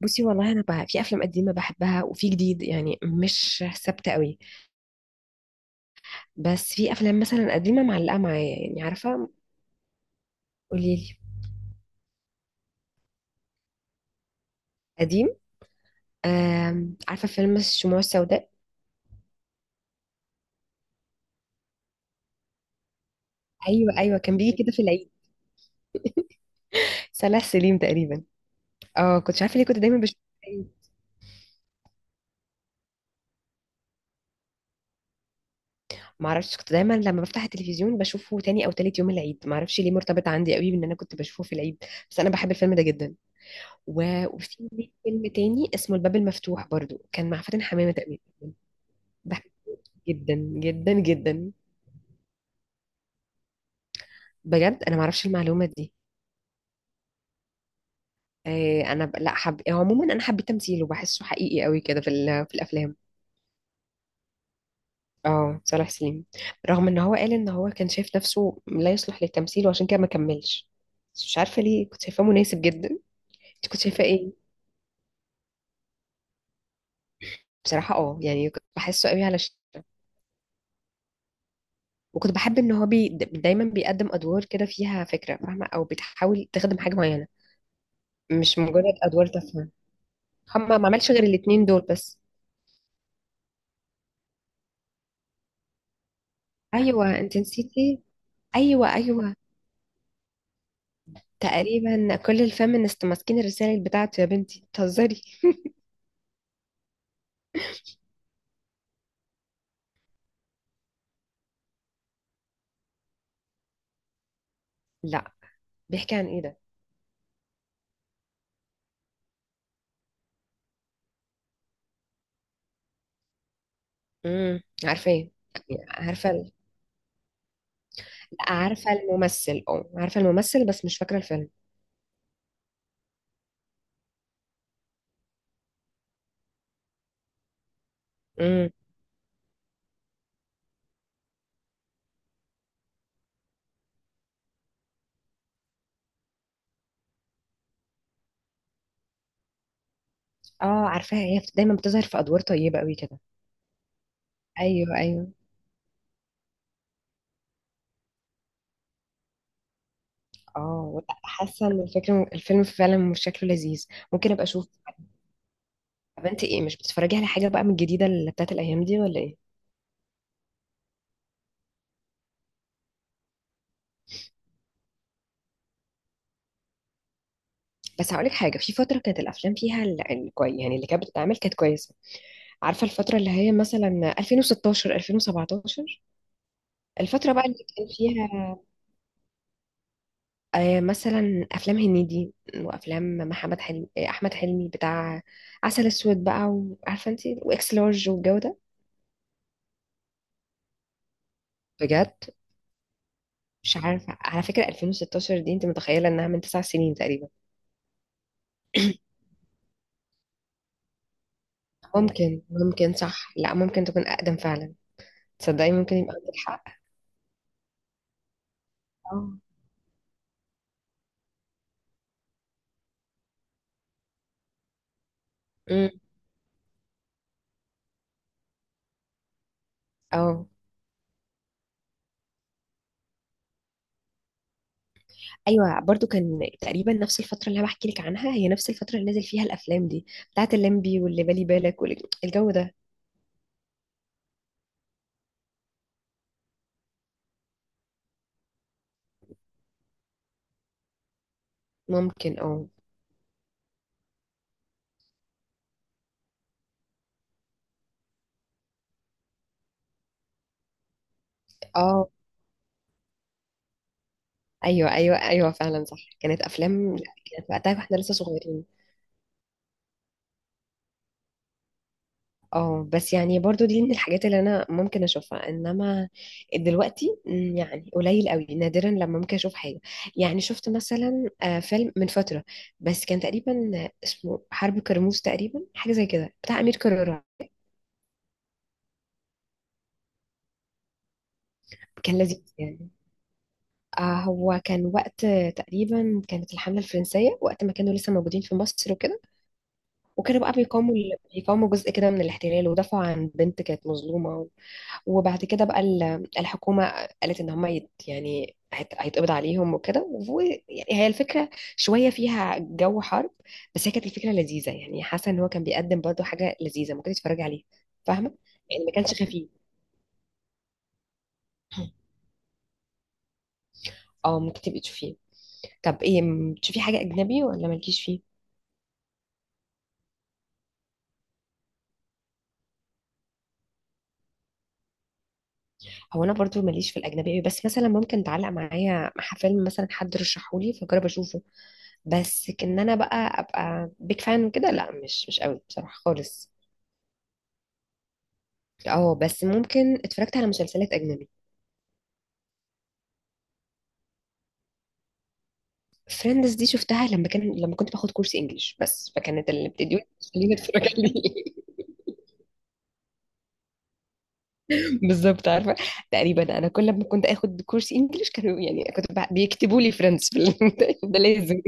بصي، والله انا بقى في افلام قديمه بحبها وفي جديد. يعني مش ثابته قوي. بس في افلام مثلا قديمه معلقه معايا، يعني عارفه. قولي لي. قديم. عارفه فيلم الشموع السوداء. ايوه ايوه، كان بيجي كده في العيد. صلاح سليم تقريبا. اه كنت عارفه ليه كنت دايما بشوفه في العيد. معرفش، كنت دايما لما بفتح التلفزيون بشوفه تاني او تالت يوم العيد. معرفش ليه مرتبط عندي قوي بان انا كنت بشوفه في العيد. بس انا بحب الفيلم ده جدا. وفي ليه فيلم تاني اسمه الباب المفتوح، برضو كان مع فاتن حمامه تقريبا. جدا جدا جدا. بجد انا ما اعرفش المعلومه دي. آه، انا لا حب، هو عموما انا حبيت تمثيله، بحسه حقيقي قوي كده في في الافلام. اه صالح سليم. رغم ان هو قال ان هو كان شايف نفسه لا يصلح للتمثيل وعشان كده ما كملش. بس مش عارفه ليه كنت شايفاه مناسب جدا. انت كنت شايفاه ايه؟ بصراحه اه، يعني كنت بحسه قوي على وكنت بحب ان هو دايما بيقدم ادوار كده فيها فكره فاهمه او بتحاول تخدم حاجه معينه. مش مجرد ادوار تافهه. هم ما عملش غير الاتنين دول بس. ايوه انت نسيتي. ايوه ايوه. تقريبا كل الفيمينست ماسكين الرسائل بتاعته. يا بنتي بتهزري. لا. بيحكي عن ايه ده؟ عارفاه. عارفه ال- لا عارفه الممثل. اه عارفه الممثل بس مش فاكره الفيلم. امم. اه عارفاها، هي دايما بتظهر في ادوار طيبه قوي كده. ايوه ايوه. اه لا، حاسه ان الفكره الفيلم فعلا مش شكله لذيذ. ممكن ابقى اشوف. طب انت ايه، مش بتتفرجي على حاجه بقى من الجديده اللي بتاعت الايام دي ولا ايه؟ بس هقولك حاجه، في فتره كانت الافلام فيها يعني اللي كانت بتتعمل كانت كويسه. عارفة الفترة اللي هي مثلا 2016 2017. الفترة بقى اللي كان فيها آه، مثلا أفلام هنيدي وأفلام محمد حلمي، آه، أحمد حلمي بتاع عسل أسود بقى، وعارفة أنت وإكس لارج والجو ده. بجد مش عارفة، على فكرة 2016 دي أنت متخيلة إنها من 9 سنين تقريبا. ممكن صح، لا ممكن تكون أقدم فعلا. تصدقي ممكن يبقى عندك حق. اه. أمم. اه. ايوه برضو كان تقريبا نفس الفتره اللي انا بحكي لك عنها، هي نفس الفتره اللي نزل فيها الافلام دي بتاعت الليمبي واللي بالي بالك والجو ده. ممكن اه. اه. ايوه ايوه ايوه فعلا صح، كانت افلام. كانت وقتها واحنا لسه صغيرين. اه بس يعني برضو دي من الحاجات اللي انا ممكن اشوفها. انما دلوقتي مم، يعني قليل قوي، نادرا لما ممكن اشوف حاجه. يعني شفت مثلا آه، فيلم من فتره، بس كان تقريبا اسمه حرب كرموز تقريبا، حاجه زي كده بتاع امير كرارة. كان لذيذ يعني. آه هو كان وقت، تقريبا كانت الحملة الفرنسية وقت ما كانوا لسه موجودين في مصر وكده. وكانوا بقى بيقاوموا جزء كده من الاحتلال، ودافعوا عن بنت كانت مظلومة وبعد كده بقى الحكومة قالت ان هم يعني هيتقبض عليهم وكده. ويعني هي الفكرة شوية فيها جو حرب. بس هي كانت الفكرة لذيذة، يعني حاسة ان هو كان بيقدم برضه حاجة لذيذة ممكن تتفرجي عليها. فاهمة؟ يعني ما كانش خفيف. اه ممكن تبقي تشوفيه. طب ايه تشوفي حاجة أجنبي ولا مالكيش فيه؟ هو انا برضو ماليش في الاجنبي أوي، بس مثلا ممكن تعلق معايا مع فيلم مثلا حد رشحهولي فجرب اشوفه. بس كان انا بقى ابقى بيك فان وكده، لا مش قوي بصراحه خالص. اه بس ممكن اتفرجت على مسلسلات اجنبي. فريندز دي شفتها لما كان لما كنت باخد كورس انجليش، بس فكانت اللي بتديوني تخليني اتفرج عليه. بالظبط عارفه. تقريبا انا كل ما كنت اخد كورس انجليش كانوا، يعني كنت بيكتبوا لي فريندز في ده لازم.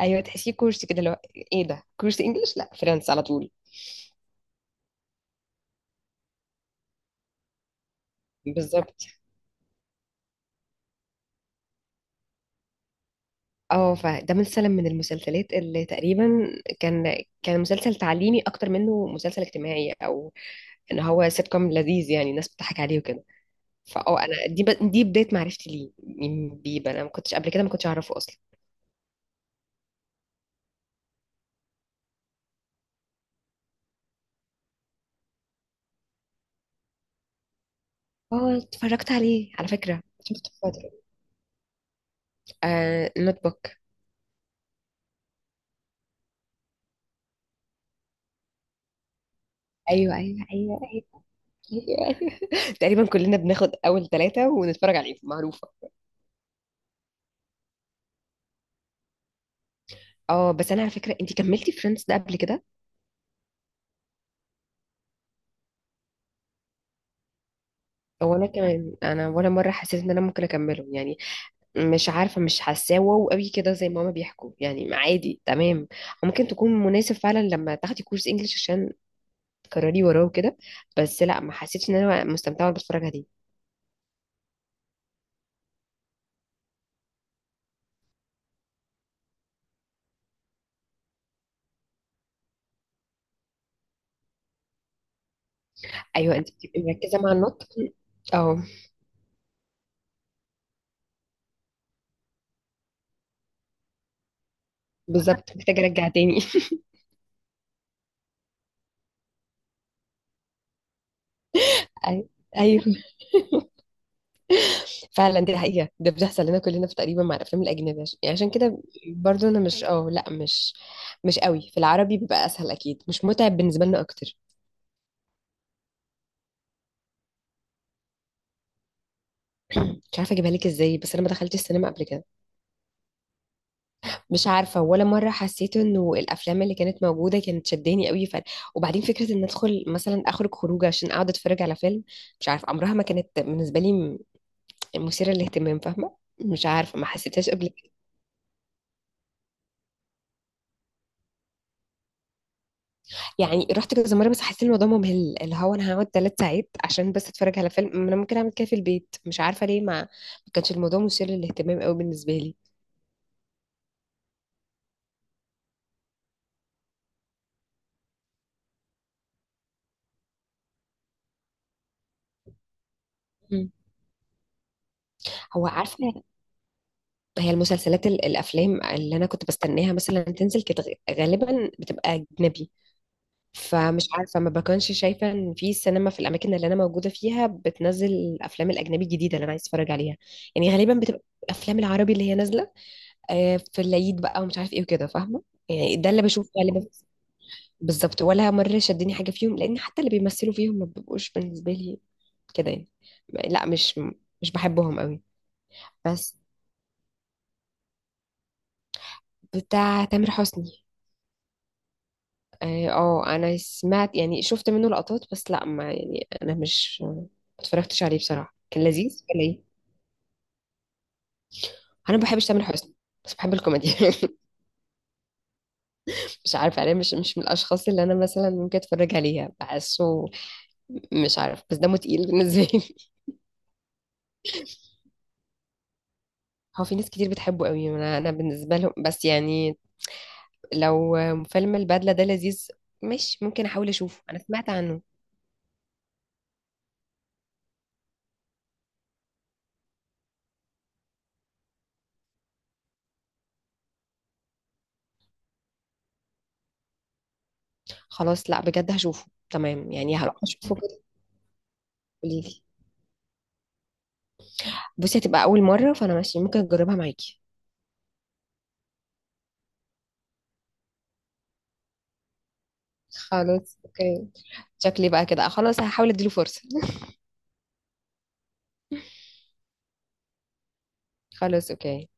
ايوه، تحسيه كورس كده اللي هو، ايه ده كورس انجليش لا فريندز على طول. بالظبط. اه فده مثلا من المسلسلات اللي تقريبا كان كان مسلسل تعليمي اكتر منه مسلسل اجتماعي، او ان هو سيت كوم لذيذ يعني الناس بتضحك عليه وكده. فاه انا دي دي بدايه معرفتي ليه. مين بيب انا ما كنتش قبل كده ما كنتش اعرفه اصلا. اه اتفرجت عليه على فكره، شفته في فتره. آه نوت بوك. ايوه ايوه ايوه ايوه, أيوة. تقريبا كلنا بناخد اول ثلاثه ونتفرج عليه، معروفه. اه بس انا على فكره، انت كملتي فريندز ده قبل كده؟ وانا كمان، انا ولا مره حسيت ان انا ممكن اكمله يعني. مش عارفه، مش حاساه واو قوي كده زي ما هما بيحكوا، يعني عادي تمام. ممكن تكون مناسب فعلا لما تاخدي كورس انجليش عشان تكرري وراه وكده. بس لا، ما حسيتش ان انا مستمتعه وانا بتفرج عليه. ايوه انت بتبقي مركزه مع النطق. اه بالظبط. محتاجه ارجع تاني. أي- ايوه فعلا، دي حقيقه، ده بيحصل لنا كلنا في تقريبا مع الافلام الاجنبيه عشان يعني عشان كده. برضو انا مش اه لا مش قوي. في العربي بيبقى اسهل اكيد، مش متعب بالنسبه لنا اكتر. مش عارفه اجيبها لك ازاي، بس انا ما دخلتش السينما قبل كده. مش عارفه، ولا مره حسيت انه الافلام اللي كانت موجوده كانت شداني قوي وبعدين فكره ان ادخل مثلا اخرج خروجه عشان اقعد اتفرج على فيلم، مش عارفه عمرها ما كانت بالنسبه لي مثيره للاهتمام. فاهمه، مش عارفه ما حسيتهاش قبل كده. يعني رحت كذا مره، بس حسيت إن الموضوع ممل، اللي هو انا هقعد 3 ساعات عشان بس اتفرج على فيلم، ما انا ممكن اعمل كده في البيت. مش عارفه ليه ما كانش الموضوع مثير للاهتمام قوي بالنسبه لي. مم. هو عارفه، هي المسلسلات الافلام اللي انا كنت بستناها مثلا تنزل، كانت غالبا بتبقى اجنبي. فمش عارفه ما بكونش شايفه ان في سينما في الاماكن اللي انا موجوده فيها بتنزل الافلام الاجنبي الجديده اللي انا عايز اتفرج عليها. يعني غالبا بتبقى الافلام العربي اللي هي نازله، آه، في العيد بقى ومش عارف ايه وكده، فاهمه. يعني ده اللي بشوفه غالبا. بالظبط، ولا مره شدني حاجه فيهم لان حتى اللي بيمثلوا فيهم ما بيبقوش بالنسبه لي كده يعني. لا مش بحبهم قوي. بس. بتاع تامر حسني. اه آه، انا سمعت يعني شفت منه لقطات، بس لا ما يعني انا مش ما اتفرجتش عليه. بصراحة كان لذيذ ولا ايه؟ انا ما بحبش تامر حسني، بس بحب الكوميديا. مش عارفة، انا مش من الاشخاص اللي انا مثلا ممكن اتفرج عليها بحسه. مش عارف، بس دمه تقيل بالنسبة لي. هو في ناس كتير بتحبه قوي، انا بالنسبة لهم، بس يعني. لو فيلم البدلة ده لذيذ، مش ممكن احاول اشوفه، انا سمعت عنه. خلاص لا، بجد هشوفه، تمام يعني، هروح اشوفه كده. قوليلي. بصي هتبقى اول مرة، فانا ماشي، ممكن اجربها معاكي. خلاص اوكي. شكلي بقى كده خلاص، هحاول اديله فرصة. خلاص اوكي